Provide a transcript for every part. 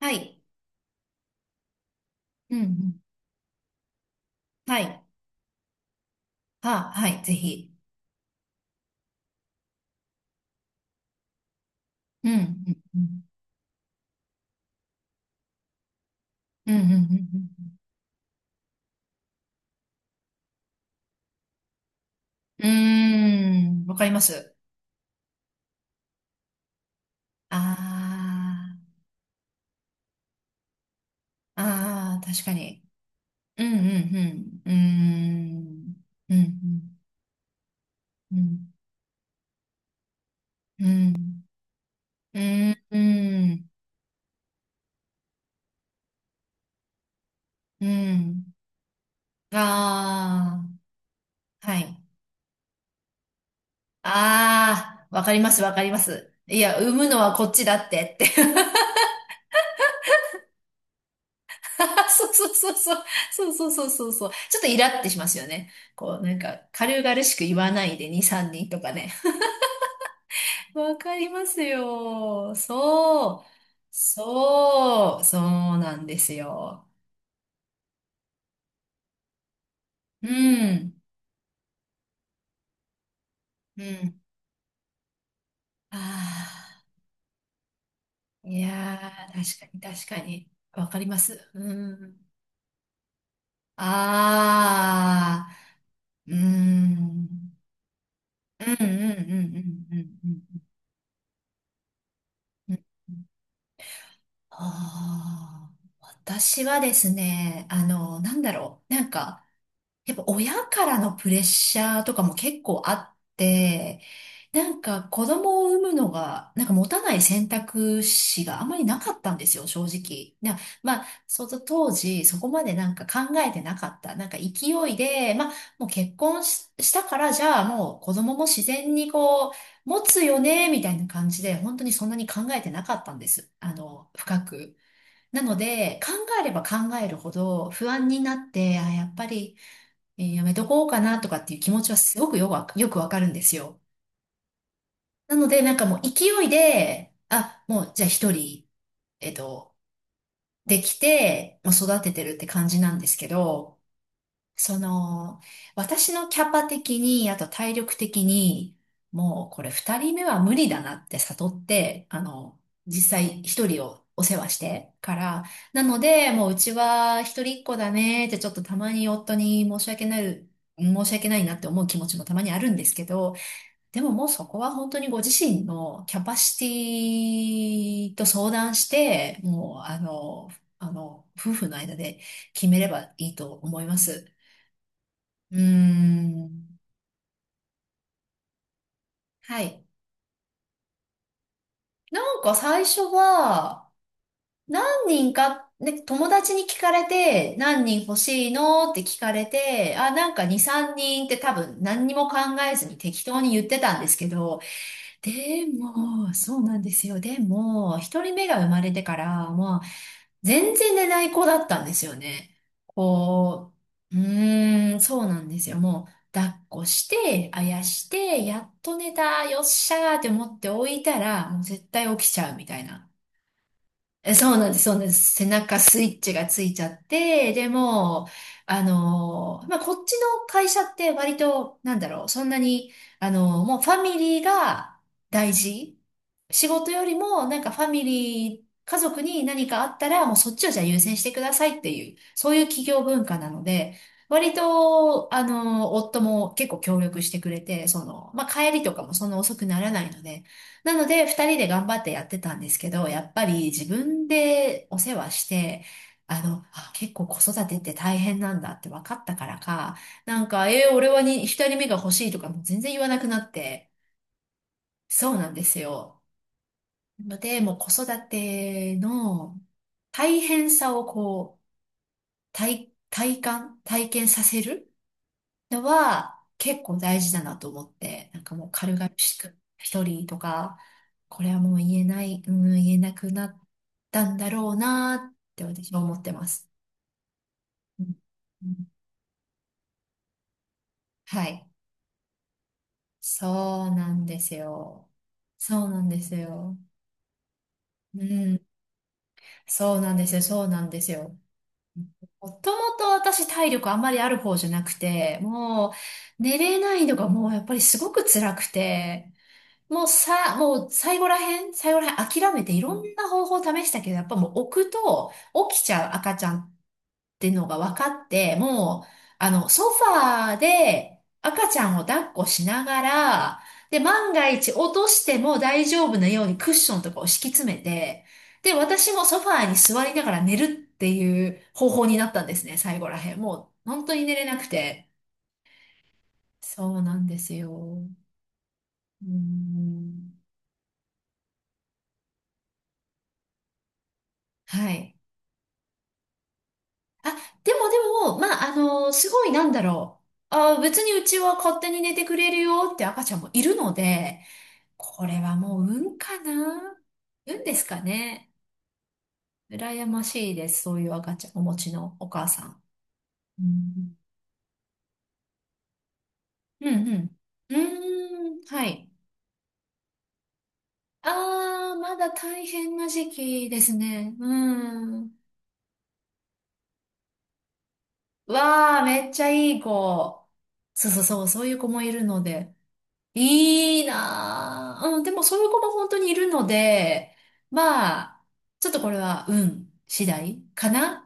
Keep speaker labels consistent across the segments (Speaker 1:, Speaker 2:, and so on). Speaker 1: はい。うんうん。はい。はあ、はい。ぜひ。うんうんうん。うんうんうんうんうーん。わかります。ああ。ああ、確かに。うんうんうん。うーんうんうんうーん。うーん。うーん。うーん。ああ。はい。ああ。わかりますああああ確かにうんうんうんうんうんうんうんうんうーんうんああはいああわかります。いや、産むのはこっちだってって。そうそうそうそう。そうそうそうそうそう。ちょっとイラってしますよね。こう、なんか、軽々しく言わないで2、3人とかね。わかりますよ。そう。そう。そうなんですよ。うん。うん。ああ。いやー、確かに、確かに。わかります。うん。ああ。うん、うん、うん、うん、うん、うん。うん。ああ、私はですね、なんだろう。なんか、やっぱ親からのプレッシャーとかも結構あって、なんか子供を産むのが、なんか持たない選択肢があまりなかったんですよ、正直。まあ、その当時、そこまでなんか考えてなかった。なんか勢いで、まあ、もう結婚し、したから、じゃあもう子供も自然にこう、持つよね、みたいな感じで、本当にそんなに考えてなかったんです。深く。なので、考えれば考えるほど不安になって、あ、やっぱり、やめとこうかなとかっていう気持ちはすごくよくわかるんですよ。なので、なんかもう勢いで、あ、もうじゃあ一人、えっと、できて、もう育ててるって感じなんですけど、その、私のキャパ的に、あと体力的に、もうこれ二人目は無理だなって悟って、実際一人をお世話してから、なので、もううちは一人っ子だねってちょっとたまに夫に申し訳ないなって思う気持ちもたまにあるんですけど、でももうそこは本当にご自身のキャパシティと相談して、もう夫婦の間で決めればいいと思います。うーん。はい。なんか最初は、何人か、ね、友達に聞かれて、何人欲しいのって聞かれて、あ、なんか2、3人って多分何にも考えずに適当に言ってたんですけど、でも、そうなんですよ。でも、一人目が生まれてから、まあ、全然寝ない子だったんですよね。こう、うそうなんですよ。もう、抱っこして、あやして、やっと寝た、よっしゃーって思って置いたら、もう絶対起きちゃうみたいな。え、そうなんです、そうなんです。背中スイッチがついちゃって、でもう、まあ、こっちの会社って割と、なんだろう、そんなに、もうファミリーが大事。仕事よりも、なんかファミリー、家族に何かあったら、もうそっちをじゃあ優先してくださいっていう、そういう企業文化なので、割と、夫も結構協力してくれて、まあ、帰りとかもそんな遅くならないので、なので、二人で頑張ってやってたんですけど、やっぱり自分でお世話して、あ、結構子育てって大変なんだって分かったからか、なんか、俺はに、二人目が欲しいとかも全然言わなくなって、そうなんですよ。ので、もう子育ての大変さをこう、体感、体験させるのは結構大事だなと思って、なんかもう軽々しく一人とか、これはもう言えない、うん、言えなくなったんだろうなって私は思ってます。うんうんはい。そうなんですよ。そうなんですよ。うん。そうなんですよ。そうなんですよ。もともと私体力あんまりある方じゃなくて、もう寝れないのがもうやっぱりすごく辛くて、もうさ、もう最後らへん諦めていろんな方法を試したけど、やっぱもう置くと起きちゃう赤ちゃんっていうのが分かって、もう、ソファーで赤ちゃんを抱っこしながら、で、万が一落としても大丈夫なようにクッションとかを敷き詰めて、で、私もソファーに座りながら寝るっていう方法になったんですね、最後らへん。もう、本当に寝れなくて。そうなんですよ。うーん。はい。あ、でも、まあ、すごいなんだろう。あ、別にうちは勝手に寝てくれるよって赤ちゃんもいるので、これはもう運かな、運ですかね。羨ましいです。そういう赤ちゃん、お持ちのお母さん。うん、うん、うん。うーん、はい。あー、まだ大変な時期ですね。うん。わー、めっちゃいい子。そうそうそう、そういう子もいるので。いいなぁ。うん、でもそういう子も本当にいるので、まあ、ちょっとこれは運次第かな、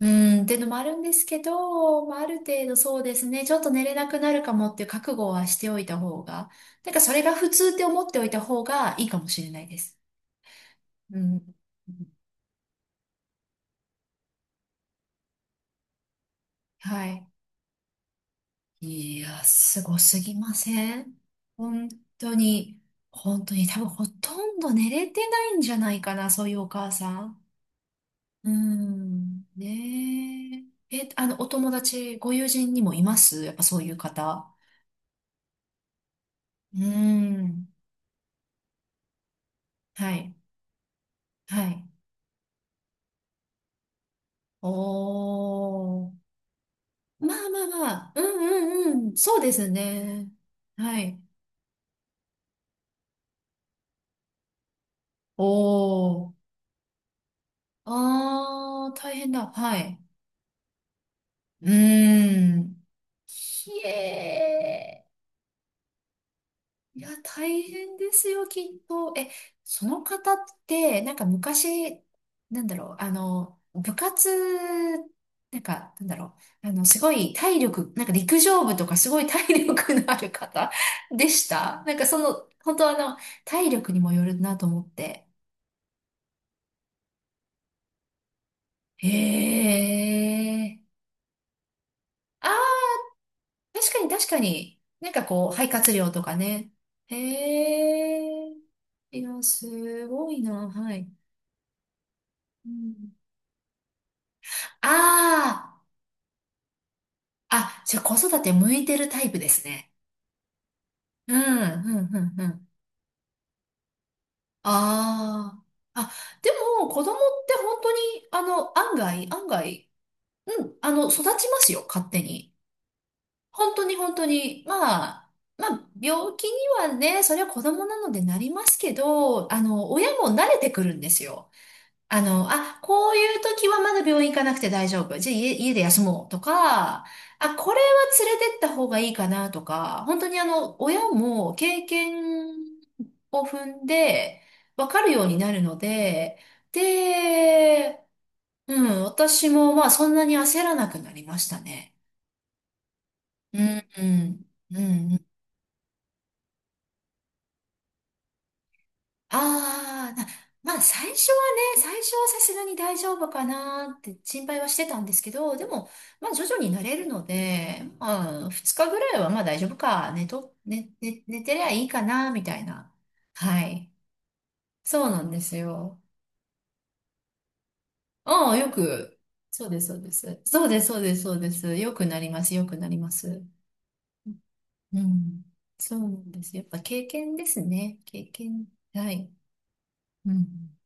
Speaker 1: うん、っていうのもあるんですけど、まあ、ある程度そうですね、ちょっと寝れなくなるかもっていう覚悟はしておいた方が、なんかそれが普通って思っておいた方がいいかもしれないです。うん。はい。いや、すごすぎません？本当に、本当に多分ほとんど寝れてないんじゃないかな、そういうお母さん。うーん、ねえ。え、お友達、ご友人にもいます、やっぱそういう方。うーん、はい、はい。おー。まあまあまあ、うんうんうん、そうですね。はい。おー。あー、大変だ。はい。うーん。ひえー。いや、大変ですよ、きっと。え、その方って、なんか昔、なんだろう、部活、なんか、なんだろう、すごい体力、なんか陸上部とかすごい体力のある方 でした。なんか本当体力にもよるなと思って。へえ。あー、確かに確かに。なんかこう、肺活量とかね。へえ。いや、すごいな、はい。うん。ああ、あ、じゃあ子育て向いてるタイプですね。うん、うん、うん、うん。ああ、あ、でも子供って本当に、案外、案外、うん、育ちますよ、勝手に。本当に本当に、まあ、病気にはね、それは子供なのでなりますけど、親も慣れてくるんですよ。あ、こういう時はまだ病院行かなくて大丈夫。じゃあ家で休もうとか、あ、これは連れてった方がいいかなとか、本当に親も経験を踏んでわかるようになるので、で、うん、私もまあそんなに焦らなくなりましたね。うん、うん、うん、うん。ああ、まあ最初はね、最初はさすがに大丈夫かなって心配はしてたんですけど、でも、まあ徐々に慣れるので、まあ2日ぐらいはまあ大丈夫かね、寝と、寝、寝、寝てりゃいいかな、みたいな。はい。そうなんですよ。ああ、そうです、そうです。そうです、そうです、そうです。よくなります、よくなります。うん。そうなんです。やっぱ経験ですね。経験。はい。うん。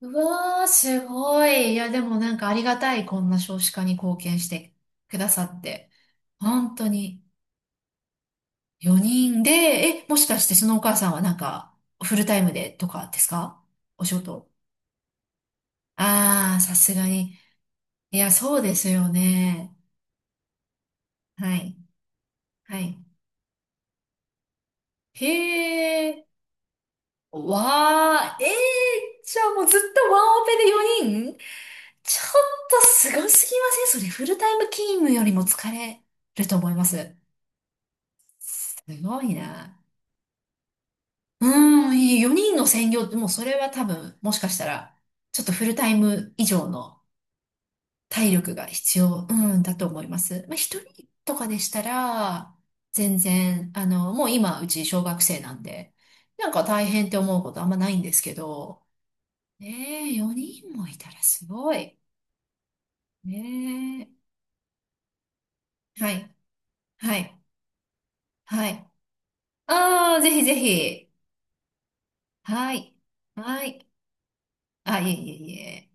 Speaker 1: うわー、すごい。いや、でもなんかありがたい、こんな少子化に貢献してくださって。本当に。4人で、え、もしかしてそのお母さんはなんか、フルタイムでとかですか？お仕事。あー、さすがに。いや、そうですよね。はい。はい。へー。わー、じゃあもうずっとワンオペで4人？ちょっとすごすぎません？それ、フルタイム勤務よりも疲れると思います。すごいな。うーん、4人の専業ってもうそれは多分、もしかしたら、ちょっとフルタイム以上の体力が必要、うん、だと思います。まあ、1人とかでしたら、全然、もう今、うち小学生なんで、なんか大変って思うことあんまないんですけど、ねえ、4人もいたらすごい。ねえ。はい、はい、はい。ああ、ぜひぜひ。はい、はい。あ、いえいえいえ。